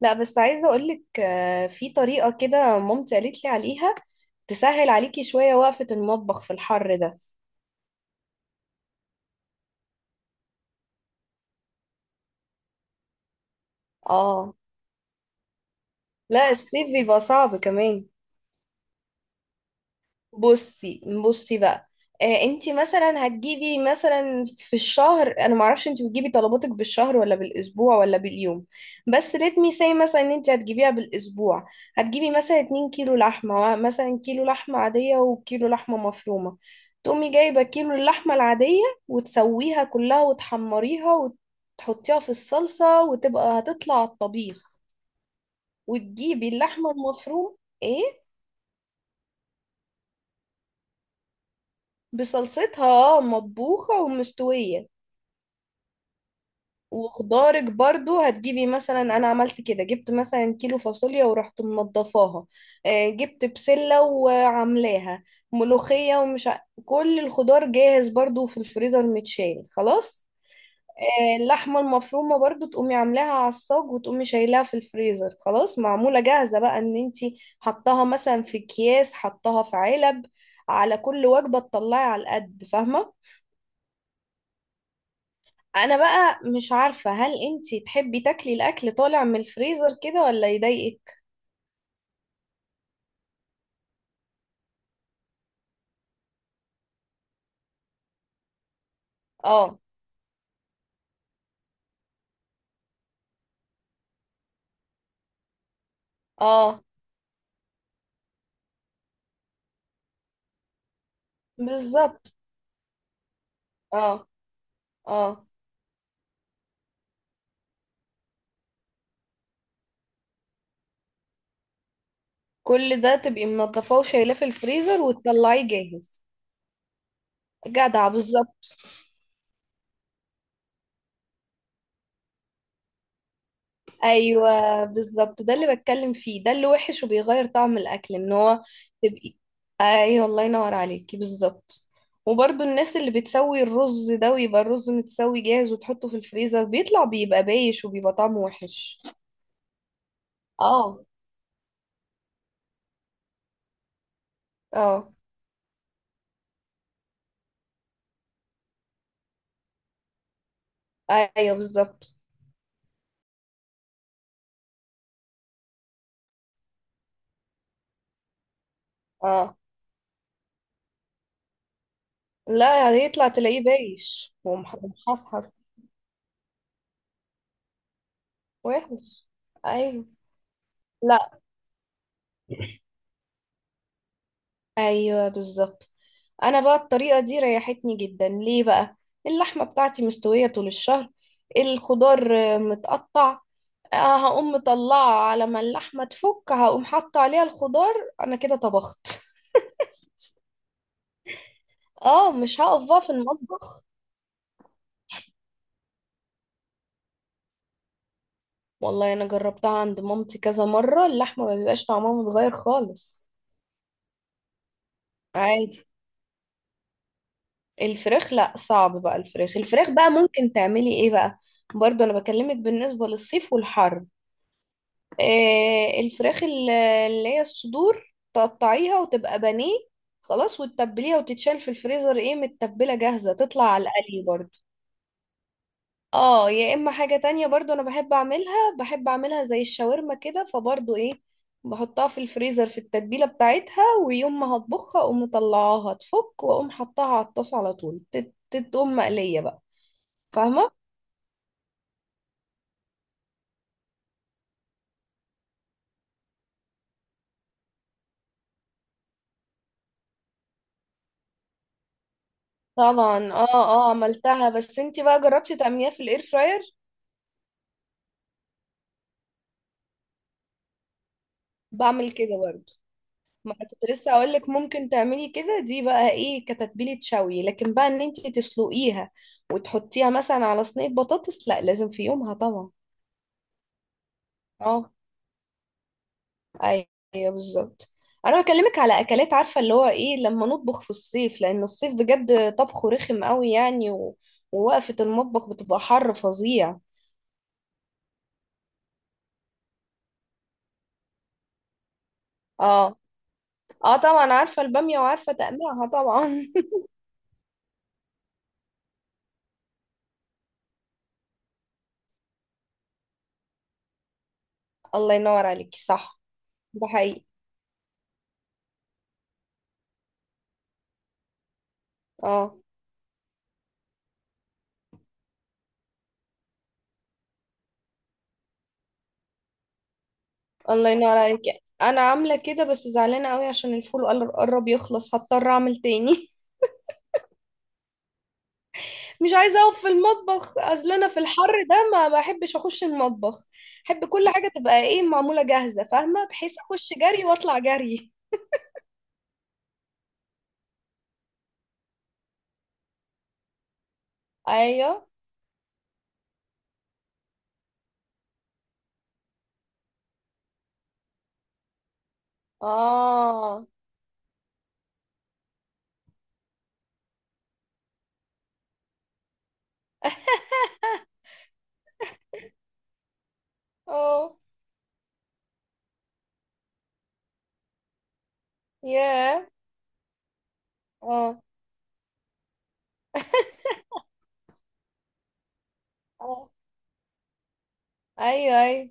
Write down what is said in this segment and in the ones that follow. لا، بس عايزة أقولك، في طريقة كده مامتي قالت لي عليها، تسهل عليكي شوية وقفة المطبخ في الحر ده. اه. لا، الصيف بيبقى صعب كمان. بصي بصي بقى. انتي مثلا هتجيبي، مثلا في الشهر، انا معرفش انتي بتجيبي طلباتك بالشهر ولا بالاسبوع ولا باليوم، بس let me say مثلا ان انتي هتجيبيها بالاسبوع. هتجيبي مثلا 2 كيلو لحمه، مثلا كيلو لحمه عاديه وكيلو لحمه مفرومه. تقومي جايبه كيلو اللحمه العاديه وتسويها كلها وتحمريها وتحطيها في الصلصه، وتبقى هتطلع على الطبيخ. وتجيبي اللحمه المفروم. ايه، بصلصتها، اه، مطبوخه ومستويه. وخضارك برضو هتجيبي، مثلا انا عملت كده، جبت مثلا كيلو فاصوليا ورحت منضفاها. جبت بسلة وعاملاها ملوخية، كل الخضار جاهز برضو في الفريزر، متشال خلاص. اللحمة المفرومة برضو تقومي عاملاها على الصاج، وتقومي شايلاها في الفريزر خلاص، معمولة جاهزة بقى، ان انتي حطاها مثلا في اكياس، حطاها في علب، على كل وجبة تطلعي على القد، فاهمة. انا بقى مش عارفة، هل انتي تحبي تاكلي الاكل طالع من الفريزر كده ولا يضايقك؟ اه، اه، بالظبط. اه، اه، كل ده تبقي منضفاه وشايلاه في الفريزر وتطلعيه جاهز. جدع، بالظبط. ايوه بالظبط، ده اللي بتكلم فيه، ده اللي وحش وبيغير طعم الاكل، ان هو تبقي. ايوه، الله ينور عليكي بالظبط. وبرضو الناس اللي بتسوي الرز ده، ويبقى الرز متسوي جاهز وتحطه في الفريزر، بيطلع بيبقى بايش وبيبقى طعمه وحش. اه، اه، ايوه بالظبط. اه، لا يعني يطلع تلاقيه بايش ومحصحص. وحش. ايوه. لا. ايوه بالظبط. انا بقى الطريقه دي ريحتني جدا، ليه بقى؟ اللحمه بتاعتي مستويه طول الشهر، الخضار متقطع، هقوم مطلعه، على ما اللحمه تفك هقوم حاطه عليها الخضار، انا كده طبخت. اه، مش هقف بقى في المطبخ. والله انا جربتها عند مامتي كذا مره، اللحمه ما بيبقاش طعمها متغير خالص. عادي. الفراخ لا، صعب بقى، الفراخ، الفراخ بقى ممكن تعملي ايه بقى؟ برضو انا بكلمك بالنسبة للصيف والحر. آه، الفراخ اللي هي الصدور، تقطعيها وتبقى بانيه خلاص، وتتبليها وتتشال في الفريزر، ايه، متبلة جاهزة تطلع على القلي برضو. اه، يا اما حاجة تانية برضو انا بحب اعملها، بحب اعملها زي الشاورما كده، فبرضو ايه، بحطها في الفريزر في التتبيلة بتاعتها، ويوم ما هطبخها اقوم مطلعاها تفك، واقوم حطها على الطاسة على طول، تتقوم مقلية بقى. فاهمة. طبعا، اه اه، عملتها. بس انتي بقى جربتي تعمليها في الاير فراير؟ بعمل كده برضو. ما كنت لسه اقولك ممكن تعملي كده، دي بقى ايه، كتتبيلة شوي، لكن بقى ان انتي تسلقيها وتحطيها مثلا على صينية بطاطس، لا لازم في يومها طبعا. اه. ايوه بالظبط. انا بكلمك على اكلات، عارفه اللي هو ايه، لما نطبخ في الصيف، لان الصيف بجد طبخه رخم قوي يعني، ووقفه المطبخ بتبقى حر فظيع. اه. اه طبعا عارفه الباميه، وعارفه تقليعها طبعا. الله ينور عليكي، صح. ده حقيقي. اه. الله ينور عليكي، انا عامله كده، بس زعلانه قوي عشان الفول قرب يخلص، هضطر اعمل تاني. مش عايزه اقف في المطبخ، اصل انا في الحر ده ما بحبش اخش المطبخ. احب كل حاجه تبقى ايه، معموله جاهزه، فاهمه، بحيث اخش جري واطلع جري. ايوه. اه. اه. ياه. اه. اه. ايوه، ايوه.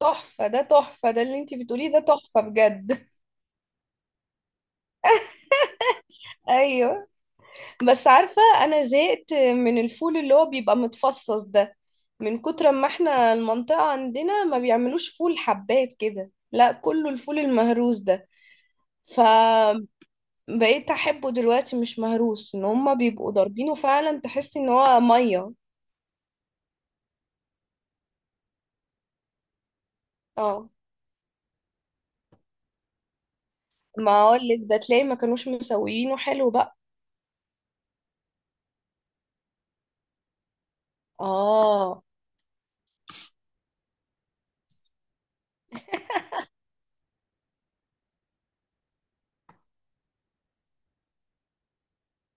تحفه ده، تحفه ده اللي انتي بتقوليه، ده تحفه بجد. ايوه. بس عارفه، انا زهقت من الفول اللي هو بيبقى متفصص ده، من كتر ما احنا المنطقه عندنا ما بيعملوش فول حبات كده، لا كله الفول المهروس ده. فبقيت احبه دلوقتي مش مهروس، ان هما بيبقوا ضاربينه فعلا، تحس ان هو ميه. اه. ما اقولك ده، تلاقي ما كانوش مسويينه حلو بقى. اه.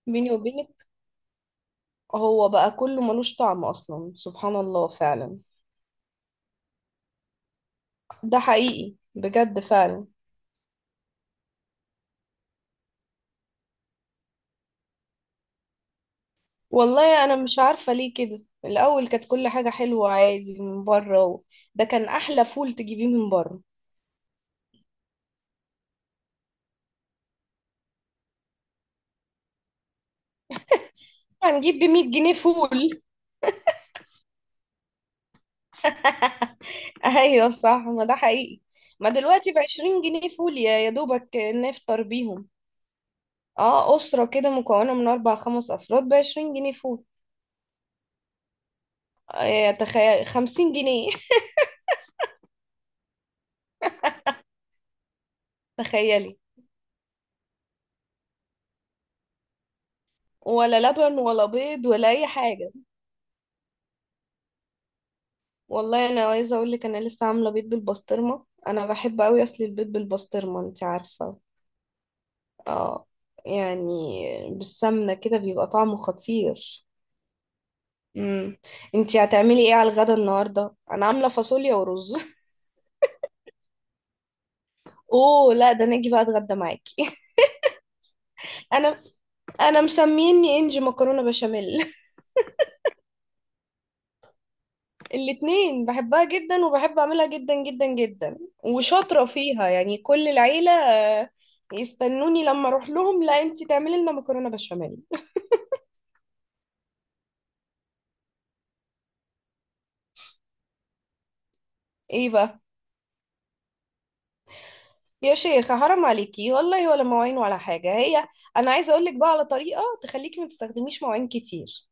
بيني وبينك، هو بقى كله ملوش طعم اصلا، سبحان الله فعلا. ده حقيقي بجد فعلا. والله انا مش عارفه ليه كده، الاول كانت كل حاجه حلوه عادي من بره، ده كان احلى فول تجيبيه من بره. هنجيب ب 100 جنيه فول. ايوه صح، ما ده حقيقي. ما دلوقتي بعشرين جنيه فول يا دوبك نفطر بيهم. اه، أسرة كده مكونة من أربع خمس أفراد بعشرين جنيه فول. تخيل خمسين جنيه. تخيلي. ولا لبن ولا بيض ولا أي حاجة. والله أنا عايزة أقولك، أنا لسه عاملة بيض بالبسطرمة، أنا بحب أوي أصل البيض بالبسطرمة، أنت عارفة. اه. يعني بالسمنة كده بيبقى طعمه خطير. مم. انتي هتعملي ايه على الغدا النهاردة؟ انا عاملة فاصوليا ورز. اوه لا، ده انا اجي بقى اتغدى معاكي. انا انا مسميني انجي مكرونه بشاميل. الاتنين بحبها جدا وبحب اعملها جدا جدا جدا. وشاطره فيها يعني، كل العيله يستنوني لما اروح لهم، لا انتي تعملي لنا مكرونه بشاميل. ايه بقى؟ يا شيخه حرام عليكي والله، ولا مواعين ولا حاجه هي. انا عايزه اقول لك بقى على طريقه تخليكي ما تستخدميش مواعين كتير.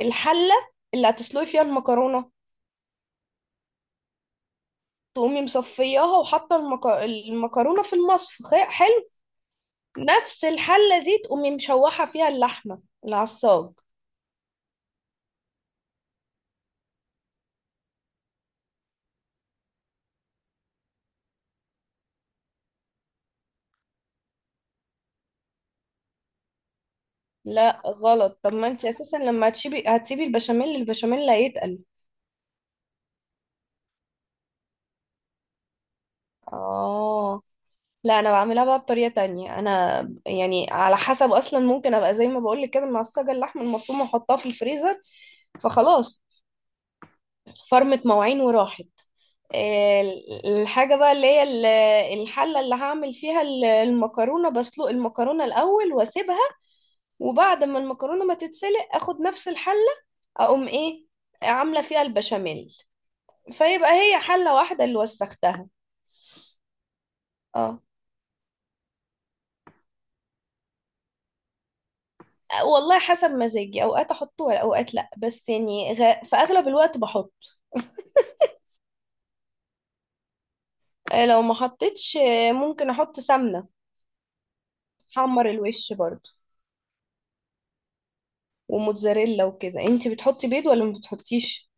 الحله اللي هتسلقي فيها المكرونه، تقومي مصفياها وحاطه المكرونه في المصفى، نفس الحلة دي تقومي مشوحة فيها اللحمة العصاج. لا غلط، طب ما انت اساسا لما هتسيبي البشاميل، البشاميل لا يتقل. اه. لا انا بعملها بقى بطريقة تانية انا، يعني على حسب، اصلا ممكن ابقى زي ما بقولك كده، معصجة اللحمة المفروم واحطها في الفريزر، فخلاص فرمت مواعين وراحت. آه، الحاجة بقى اللي هي الحلة اللي هعمل فيها المكرونة، بسلق المكرونة الأول واسيبها، وبعد ما المكرونة ما تتسلق اخد نفس الحلة، اقوم ايه، عاملة فيها البشاميل، فيبقى هي حلة واحدة اللي وسختها. اه والله، حسب مزاجي، اوقات احطه اوقات لا، بس يعني في اغلب الوقت بحط. لو ما حطيتش، ممكن احط سمنة. حمر الوش برضو. وموتزاريلا وكده، انتي بتحطي بيض ولا ما بتحطيش؟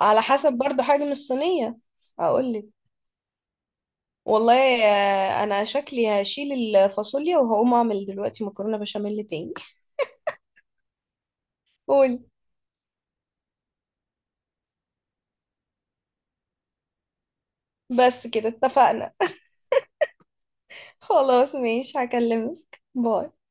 على حسب برضو حجم الصينية. اقولك والله، انا شكلي هشيل الفاصوليا وهقوم اعمل دلوقتي مكرونة بشاميل تاني. قولي. بس كده اتفقنا. خلاص ماشي، هكلمك، باي.